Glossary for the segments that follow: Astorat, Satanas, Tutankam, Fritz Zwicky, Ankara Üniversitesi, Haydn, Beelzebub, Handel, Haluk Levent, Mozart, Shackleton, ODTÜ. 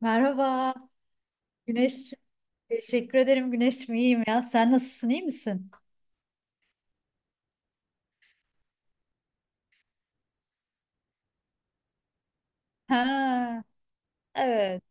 Merhaba Güneş. Teşekkür ederim Güneş'cim iyiyim ya. Sen nasılsın iyi misin? Ha, evet.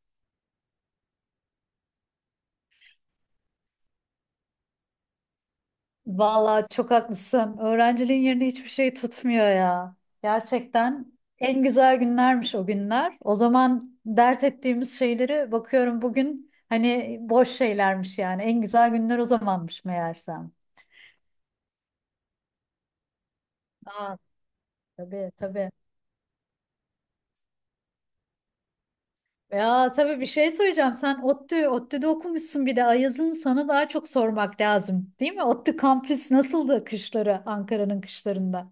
Vallahi çok haklısın. Öğrenciliğin yerini hiçbir şey tutmuyor ya. Gerçekten en güzel günlermiş o günler. O zaman dert ettiğimiz şeyleri bakıyorum bugün hani boş şeylermiş yani. En güzel günler o zamanmış meğersem. Aa, tabii tabii. Ya tabii bir şey söyleyeceğim. Sen ODTÜ'de okumuşsun bir de Ayaz'ın sana daha çok sormak lazım. Değil mi? ODTÜ kampüs nasıldı kışları, Ankara'nın kışlarında?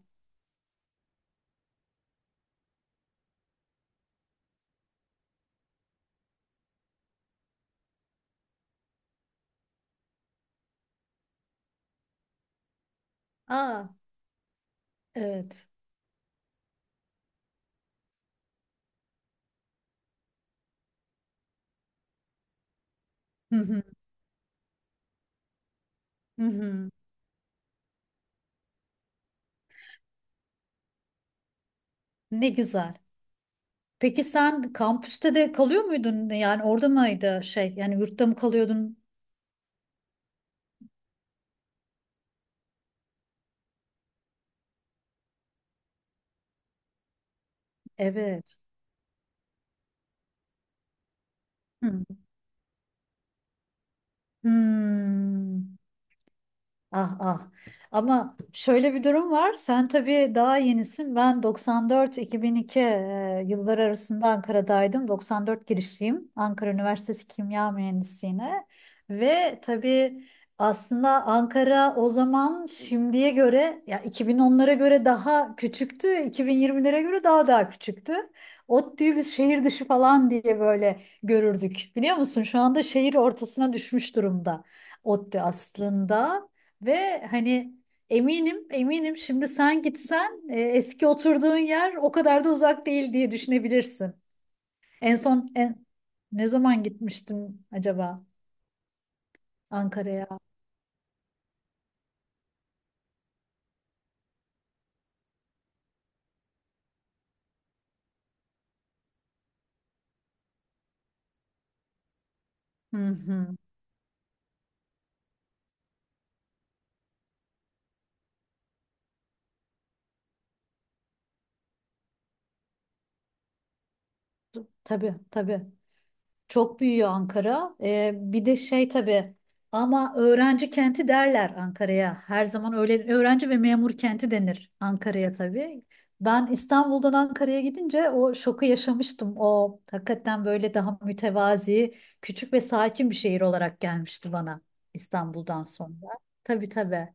Aa, evet. Hı hı, hı hı. Ne güzel. Peki sen kampüste de kalıyor muydun? Yani orada mıydı şey? Yani yurtta mı kalıyordun? Evet. Hı. Hmm. Ah ah. Ama şöyle bir durum var. Sen tabii daha yenisin. Ben 94-2002 yılları arasında Ankara'daydım. 94 girişliyim. Ankara Üniversitesi Kimya Mühendisliğine. Ve tabii aslında Ankara o zaman şimdiye göre ya 2010'lara göre daha küçüktü. 2020'lere göre daha küçüktü. ODTÜ'yü biz şehir dışı falan diye böyle görürdük. Biliyor musun? Şu anda şehir ortasına düşmüş durumda ODTÜ aslında. Ve hani eminim eminim şimdi sen gitsen eski oturduğun yer o kadar da uzak değil diye düşünebilirsin. En son ne zaman gitmiştim acaba Ankara'ya? Hı hı. Tabii tabii. Çok büyüyor Ankara. Bir de şey tabii ama öğrenci kenti derler Ankara'ya. Her zaman öyle öğrenci ve memur kenti denir Ankara'ya tabii. Ben İstanbul'dan Ankara'ya gidince o şoku yaşamıştım. O hakikaten böyle daha mütevazi, küçük ve sakin bir şehir olarak gelmişti bana İstanbul'dan sonra. Tabii tabii.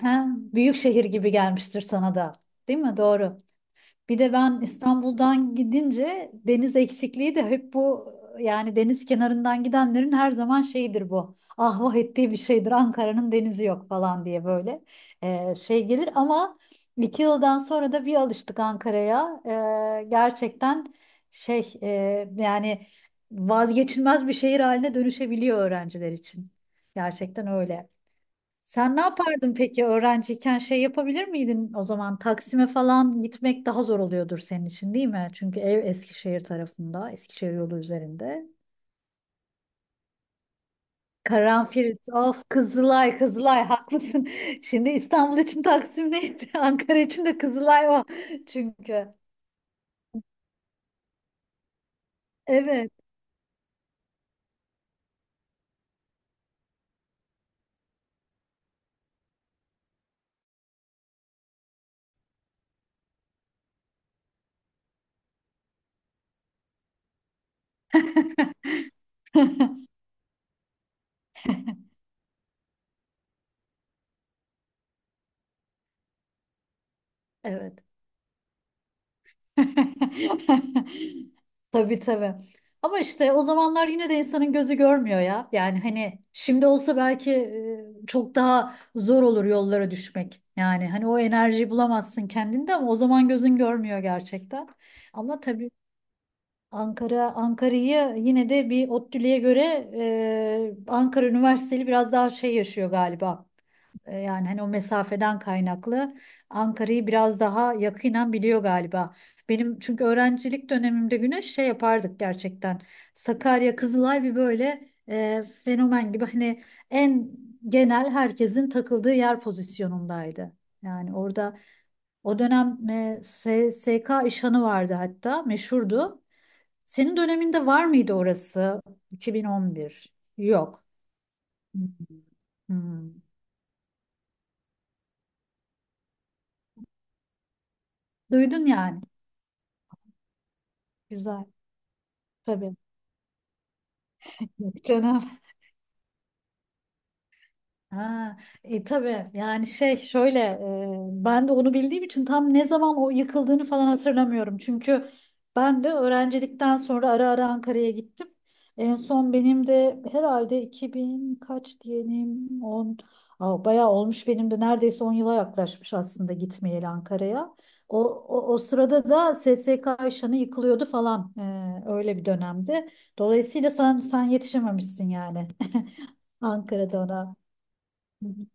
Ha, büyük şehir gibi gelmiştir sana da. Değil mi? Doğru. Bir de ben İstanbul'dan gidince deniz eksikliği de hep bu yani deniz kenarından gidenlerin her zaman şeyidir bu. Ah vah ettiği bir şeydir Ankara'nın denizi yok falan diye böyle şey gelir ama 2 yıldan sonra da bir alıştık Ankara'ya. Gerçekten şey yani vazgeçilmez bir şehir haline dönüşebiliyor öğrenciler için. Gerçekten öyle. Sen ne yapardın peki öğrenciyken şey yapabilir miydin o zaman Taksim'e falan gitmek daha zor oluyordur senin için değil mi? Çünkü ev Eskişehir tarafında, Eskişehir yolu üzerinde. Karanfil, of Kızılay, Kızılay haklısın. Şimdi İstanbul için Taksim neydi? Ankara için de Kızılay o çünkü. Evet, evet. Tabii tabii. Ama işte o zamanlar yine de insanın gözü görmüyor ya. Yani hani şimdi olsa belki çok daha zor olur yollara düşmek. Yani hani o enerjiyi bulamazsın kendinde ama o zaman gözün görmüyor gerçekten. Ama tabii Ankara'yı yine de bir ODTÜ'lüye göre Ankara Üniversiteli biraz daha şey yaşıyor galiba. Yani hani o mesafeden kaynaklı Ankara'yı biraz daha yakinen biliyor galiba. Benim çünkü öğrencilik dönemimde Güneş şey yapardık gerçekten. Sakarya, Kızılay bir böyle fenomen gibi hani en genel herkesin takıldığı yer pozisyonundaydı. Yani orada o dönem SSK İşhan'ı vardı hatta meşhurdu. Senin döneminde var mıydı orası? 2011. Yok. Hmm. Hmm. Duydun yani. Güzel. Tabii. Yok canım. Ha, tabii yani şey şöyle ben de onu bildiğim için tam ne zaman o yıkıldığını falan hatırlamıyorum. Çünkü ben de öğrencilikten sonra ara ara Ankara'ya gittim. En son benim de herhalde 2000 kaç diyelim 10, Aa, bayağı olmuş benim de neredeyse 10 yıla yaklaşmış aslında gitmeyeli Ankara'ya. O sırada da SSK Ayşanı yıkılıyordu falan öyle bir dönemdi. Dolayısıyla sen yetişememişsin yani. Ankara'da ona. Hı hı.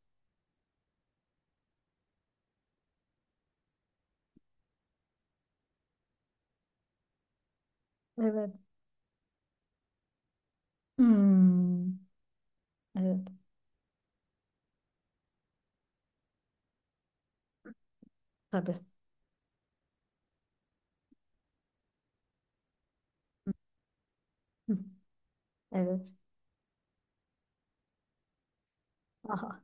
Evet. Hmm. Evet. Tabii. Hı. Evet. Aha.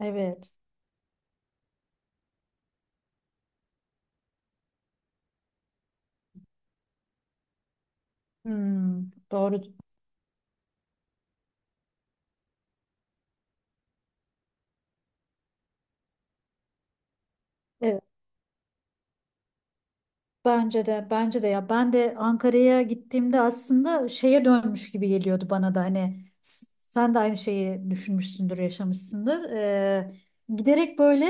Evet. Hmm. Doğru. Evet. Bence de ya ben de Ankara'ya gittiğimde aslında şeye dönmüş gibi geliyordu bana da hani sen de aynı şeyi düşünmüşsündür, yaşamışsındır. Giderek böyle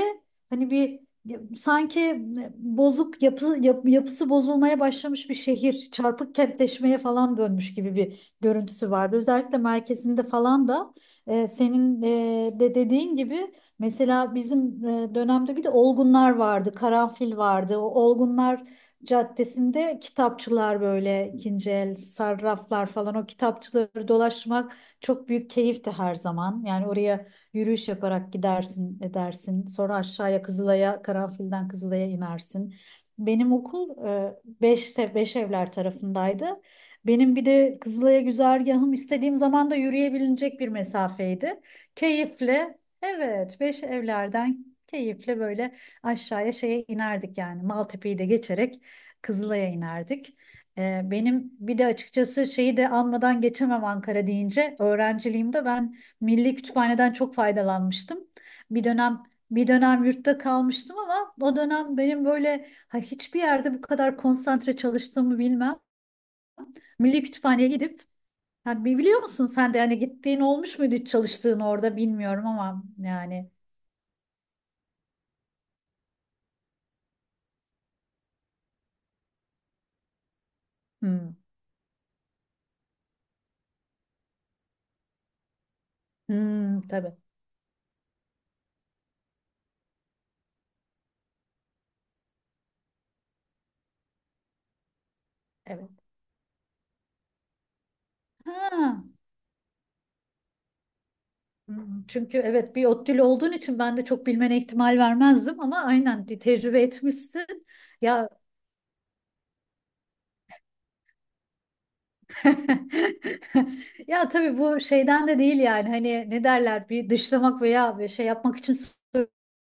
hani bir sanki yapısı bozulmaya başlamış bir şehir, çarpık kentleşmeye falan dönmüş gibi bir görüntüsü vardı. Özellikle merkezinde falan da senin de dediğin gibi mesela bizim dönemde bir de olgunlar vardı, karanfil vardı. O olgunlar caddesinde kitapçılar böyle ikinci el sarraflar falan o kitapçıları dolaşmak çok büyük keyifti her zaman. Yani oraya yürüyüş yaparak gidersin edersin sonra aşağıya Kızılay'a Karanfil'den Kızılay'a inersin. Benim okul beş evler tarafındaydı. Benim bir de Kızılay'a güzergahım istediğim zaman da yürüyebilecek bir mesafeydi. Keyifle evet beş evlerden keyifle böyle aşağıya şeye inerdik yani Maltepe'yi de geçerek Kızılay'a inerdik. Benim bir de açıkçası şeyi de almadan geçemem Ankara deyince öğrenciliğimde ben Milli Kütüphane'den çok faydalanmıştım. Bir dönem bir dönem yurtta kalmıştım ama o dönem benim böyle hiçbir yerde bu kadar konsantre çalıştığımı bilmem. Milli Kütüphane'ye gidip yani biliyor musun sen de yani gittiğin olmuş muydu hiç çalıştığın orada bilmiyorum ama yani hmm, hmm, tabii evet. Ha. Hı hı. Çünkü evet bir ODTÜ'lü olduğun için ben de çok bilmene ihtimal vermezdim ama aynen bir tecrübe etmişsin. Ya ya tabii bu şeyden de değil yani hani ne derler bir dışlamak veya bir şey yapmak için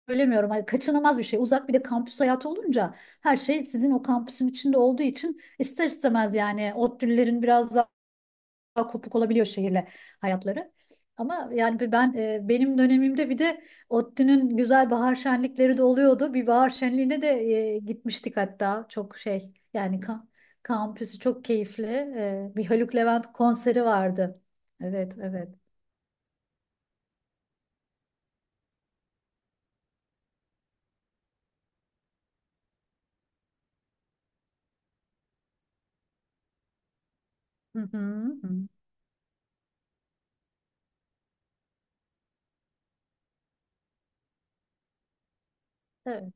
söylemiyorum. Hani kaçınılmaz bir şey. Uzak bir de kampüs hayatı olunca her şey sizin o kampüsün içinde olduğu için ister istemez yani ODTÜ'lülerin biraz daha kopuk olabiliyor şehirle hayatları. Ama yani benim dönemimde bir de ODTÜ'nün güzel bahar şenlikleri de oluyordu. Bir bahar şenliğine de gitmiştik hatta. Çok şey yani kampüsü çok keyifli. Bir Haluk Levent konseri vardı. Evet, evet. Hı hı, hı. Evet.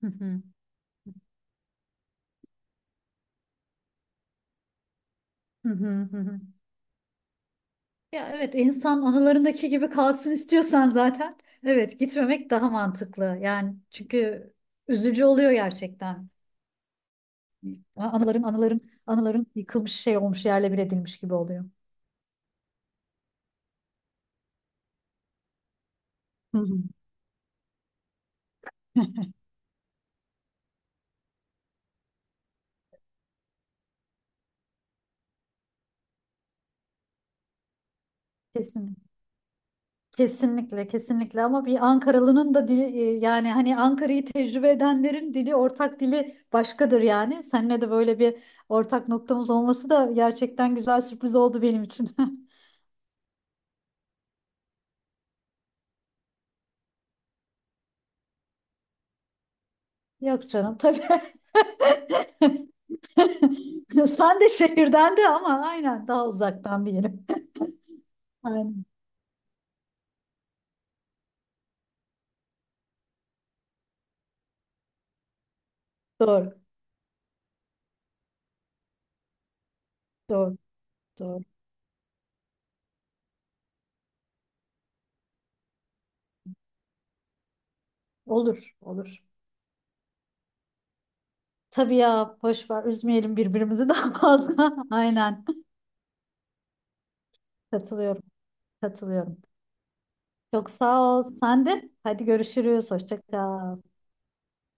Hı hı, hı hı, hı hı. Ya evet insan anılarındaki gibi kalsın istiyorsan zaten evet gitmemek daha mantıklı. Yani çünkü üzücü oluyor gerçekten. A- Anıların anıların anıların yıkılmış şey olmuş yerle bir edilmiş gibi oluyor. Hı hı. Kesin. Kesinlikle, kesinlikle ama bir Ankaralı'nın da dili yani hani Ankara'yı tecrübe edenlerin ortak dili başkadır yani. Seninle de böyle bir ortak noktamız olması da gerçekten güzel sürpriz oldu benim için. Yok canım tabii. Sen de şehirden de ama aynen daha uzaktan diyelim. Aynen. Doğru, doğru, doğru. Olur, olur. Tabii ya boş ver üzmeyelim birbirimizi daha fazla. Aynen katılıyorum katılıyorum. Çok sağ ol sen de. Hadi görüşürüz hoşça kal.